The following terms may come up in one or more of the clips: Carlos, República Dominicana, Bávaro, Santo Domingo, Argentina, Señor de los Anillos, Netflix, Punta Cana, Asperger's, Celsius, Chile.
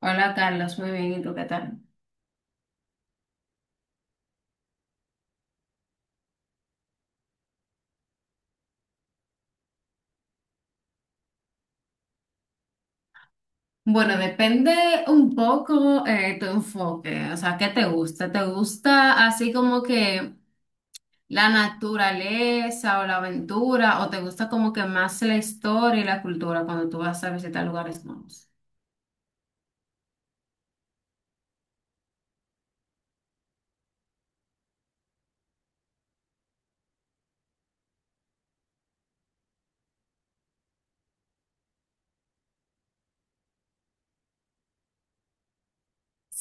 Hola Carlos, muy bien, ¿y tú qué tal? Bueno, depende un poco tu enfoque, o sea, ¿qué te gusta? ¿Te gusta así como que la naturaleza o la aventura o te gusta como que más la historia y la cultura cuando tú vas a visitar lugares nuevos?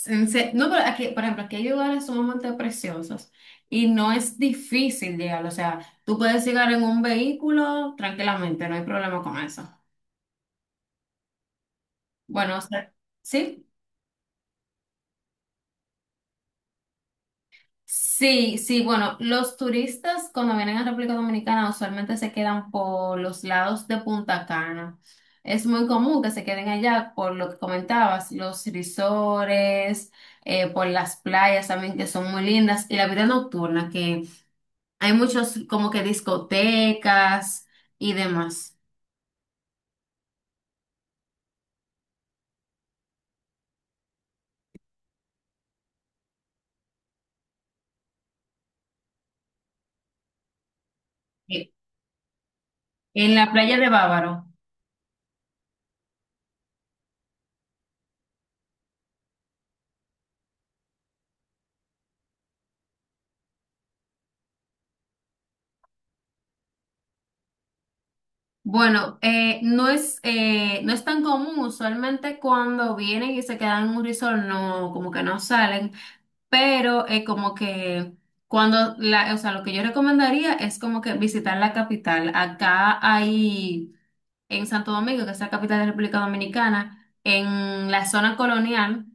No, pero aquí, por ejemplo, aquí hay lugares sumamente preciosos y no es difícil llegar, o sea, tú puedes llegar en un vehículo tranquilamente, no hay problema con eso. Bueno, o sea, ¿sí? Sí, sí, bueno, los turistas cuando vienen a República Dominicana usualmente se quedan por los lados de Punta Cana. Es muy común que se queden allá por lo que comentabas, los risores, por las playas también que son muy lindas y la vida nocturna, que hay muchos como que discotecas y demás. Eh, En la playa de Bávaro. Bueno, no es, no es tan común, usualmente cuando vienen y se quedan en un resort, no, como que no salen, pero como que o sea, lo que yo recomendaría es como que visitar la capital. Acá hay, en Santo Domingo, que es la capital de la República Dominicana, en la zona colonial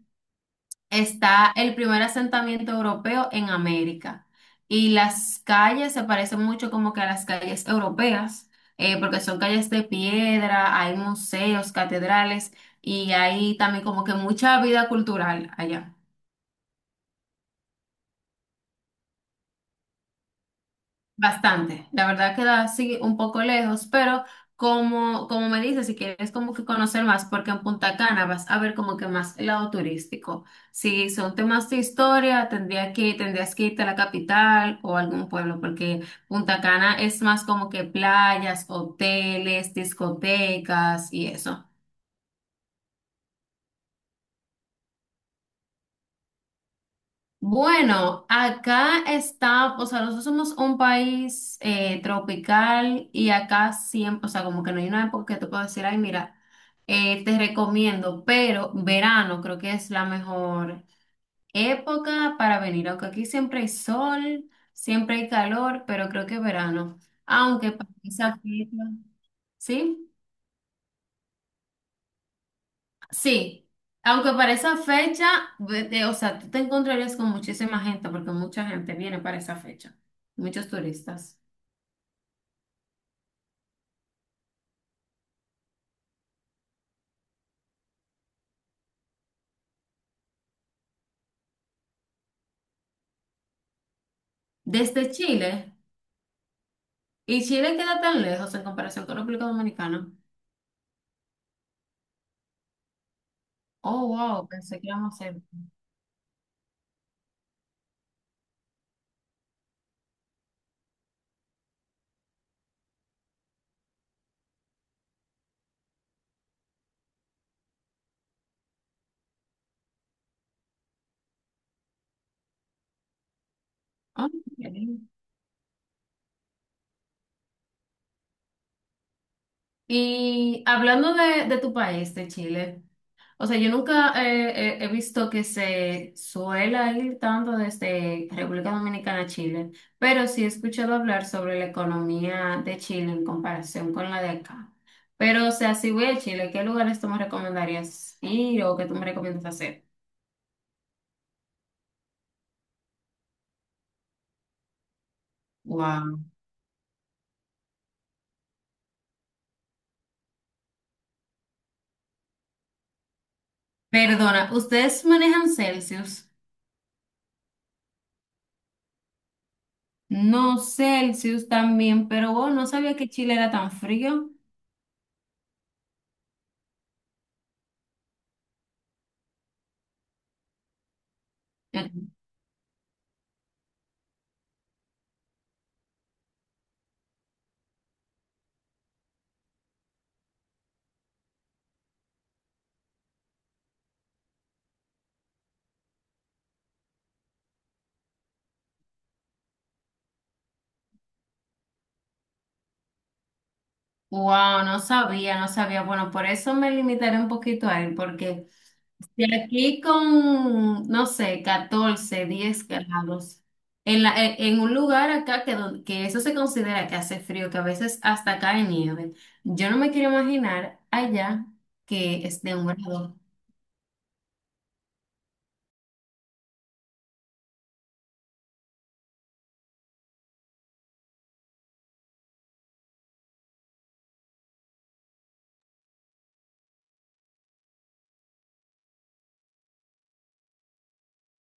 está el primer asentamiento europeo en América. Y las calles se parecen mucho como que a las calles europeas, porque son calles de piedra, hay museos, catedrales y hay también como que mucha vida cultural allá. Bastante, la verdad queda así un poco lejos, pero como me dices, si quieres como que conocer más, porque en Punta Cana vas a ver como que más el lado turístico. Si son temas de historia, tendrías que irte a la capital o a algún pueblo, porque Punta Cana es más como que playas, hoteles, discotecas y eso. Bueno, acá está, o sea, nosotros somos un país tropical y acá siempre, o sea, como que no hay una época que te puedo decir, ay, mira. Te recomiendo, pero verano creo que es la mejor época para venir, aunque aquí siempre hay sol, siempre hay calor, pero creo que verano, aunque para esa fecha, ¿sí? Sí, aunque para esa fecha, o sea, tú te encontrarías con muchísima gente, porque mucha gente viene para esa fecha, muchos turistas. Desde Chile, y Chile queda tan lejos en comparación con República Dominicana. Oh, wow, pensé que íbamos a ser... Y hablando de tu país, de Chile, o sea, yo nunca he visto que se suela ir tanto desde República Dominicana a Chile, pero sí he escuchado hablar sobre la economía de Chile en comparación con la de acá. Pero, o sea, si voy a Chile, ¿qué lugares tú me recomendarías ir o qué tú me recomiendas hacer? Wow. Perdona, ¿ustedes manejan Celsius? No, Celsius también, pero wow, no sabía que Chile era tan frío. Wow, no sabía, no sabía. Bueno, por eso me limitaré un poquito a él, porque de aquí con, no sé, 14 10 grados, en en un lugar acá que, que eso se considera que hace frío, que a veces hasta cae nieve, yo no me quiero imaginar allá que es de un grado.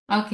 Ok.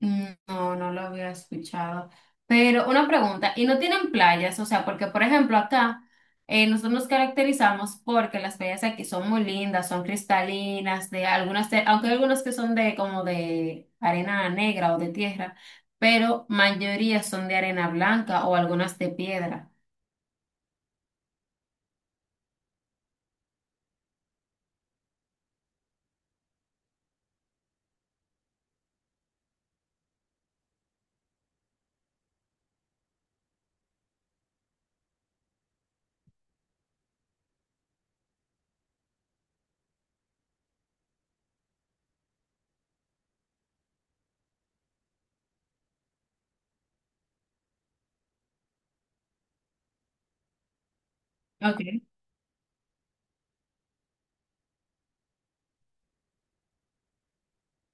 Mm, no, no lo había escuchado. Pero una pregunta, ¿y no tienen playas? O sea, porque por ejemplo acá nosotros nos caracterizamos porque las playas aquí son muy lindas, son cristalinas, de algunas, de- aunque hay algunas que son de como de arena negra o de tierra, pero mayoría son de arena blanca o algunas de piedra. Ok.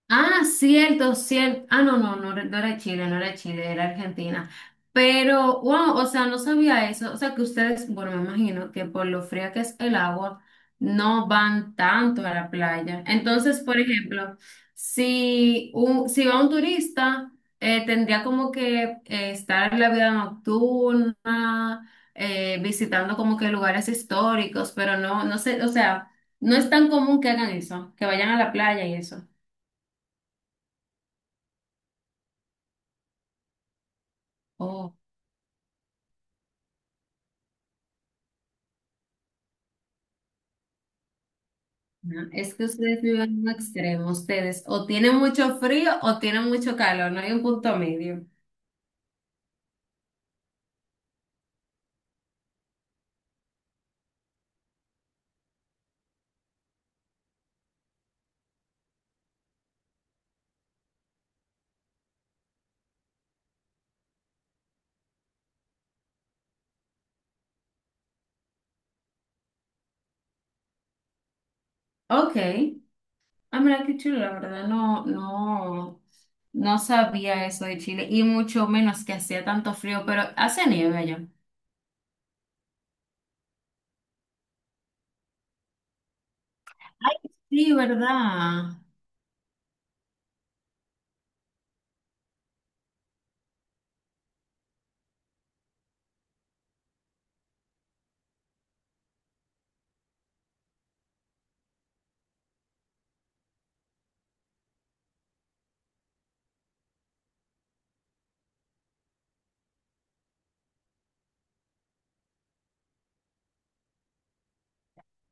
Ah, cierto, cierto. Ah, no, no, no, no era Chile, no era Chile, era Argentina. Pero, wow, o sea, no sabía eso. O sea, que ustedes, bueno, me imagino que por lo fría que es el agua, no van tanto a la playa. Entonces, por ejemplo, si va un turista, tendría como que estar en la vida nocturna, visitando como que lugares históricos, pero no, no sé, o sea, no es tan común que hagan eso, que vayan a la playa y eso. Oh. No, es que ustedes viven en un extremo, ustedes o tienen mucho frío o tienen mucho calor, no hay un punto medio. Ok, ah, mira qué chulo, la verdad, no, no, no sabía eso de Chile y mucho menos que hacía tanto frío, pero hace nieve allá. Ay, sí, ¿verdad?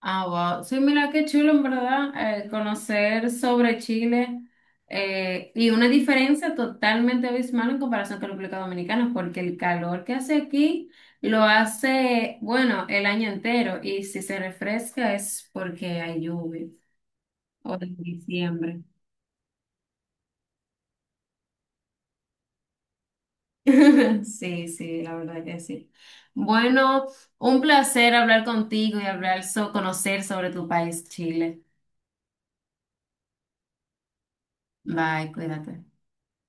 Ah, wow. Sí, mira qué chulo, en verdad, conocer sobre Chile y una diferencia totalmente abismal en comparación con República Dominicana, porque el calor que hace aquí lo hace, bueno, el año entero y si se refresca es porque hay lluvia o en diciembre. Sí, sí, la verdad que sí. Bueno, un placer hablar contigo y hablar, conocer sobre tu país, Chile. Bye, cuídate.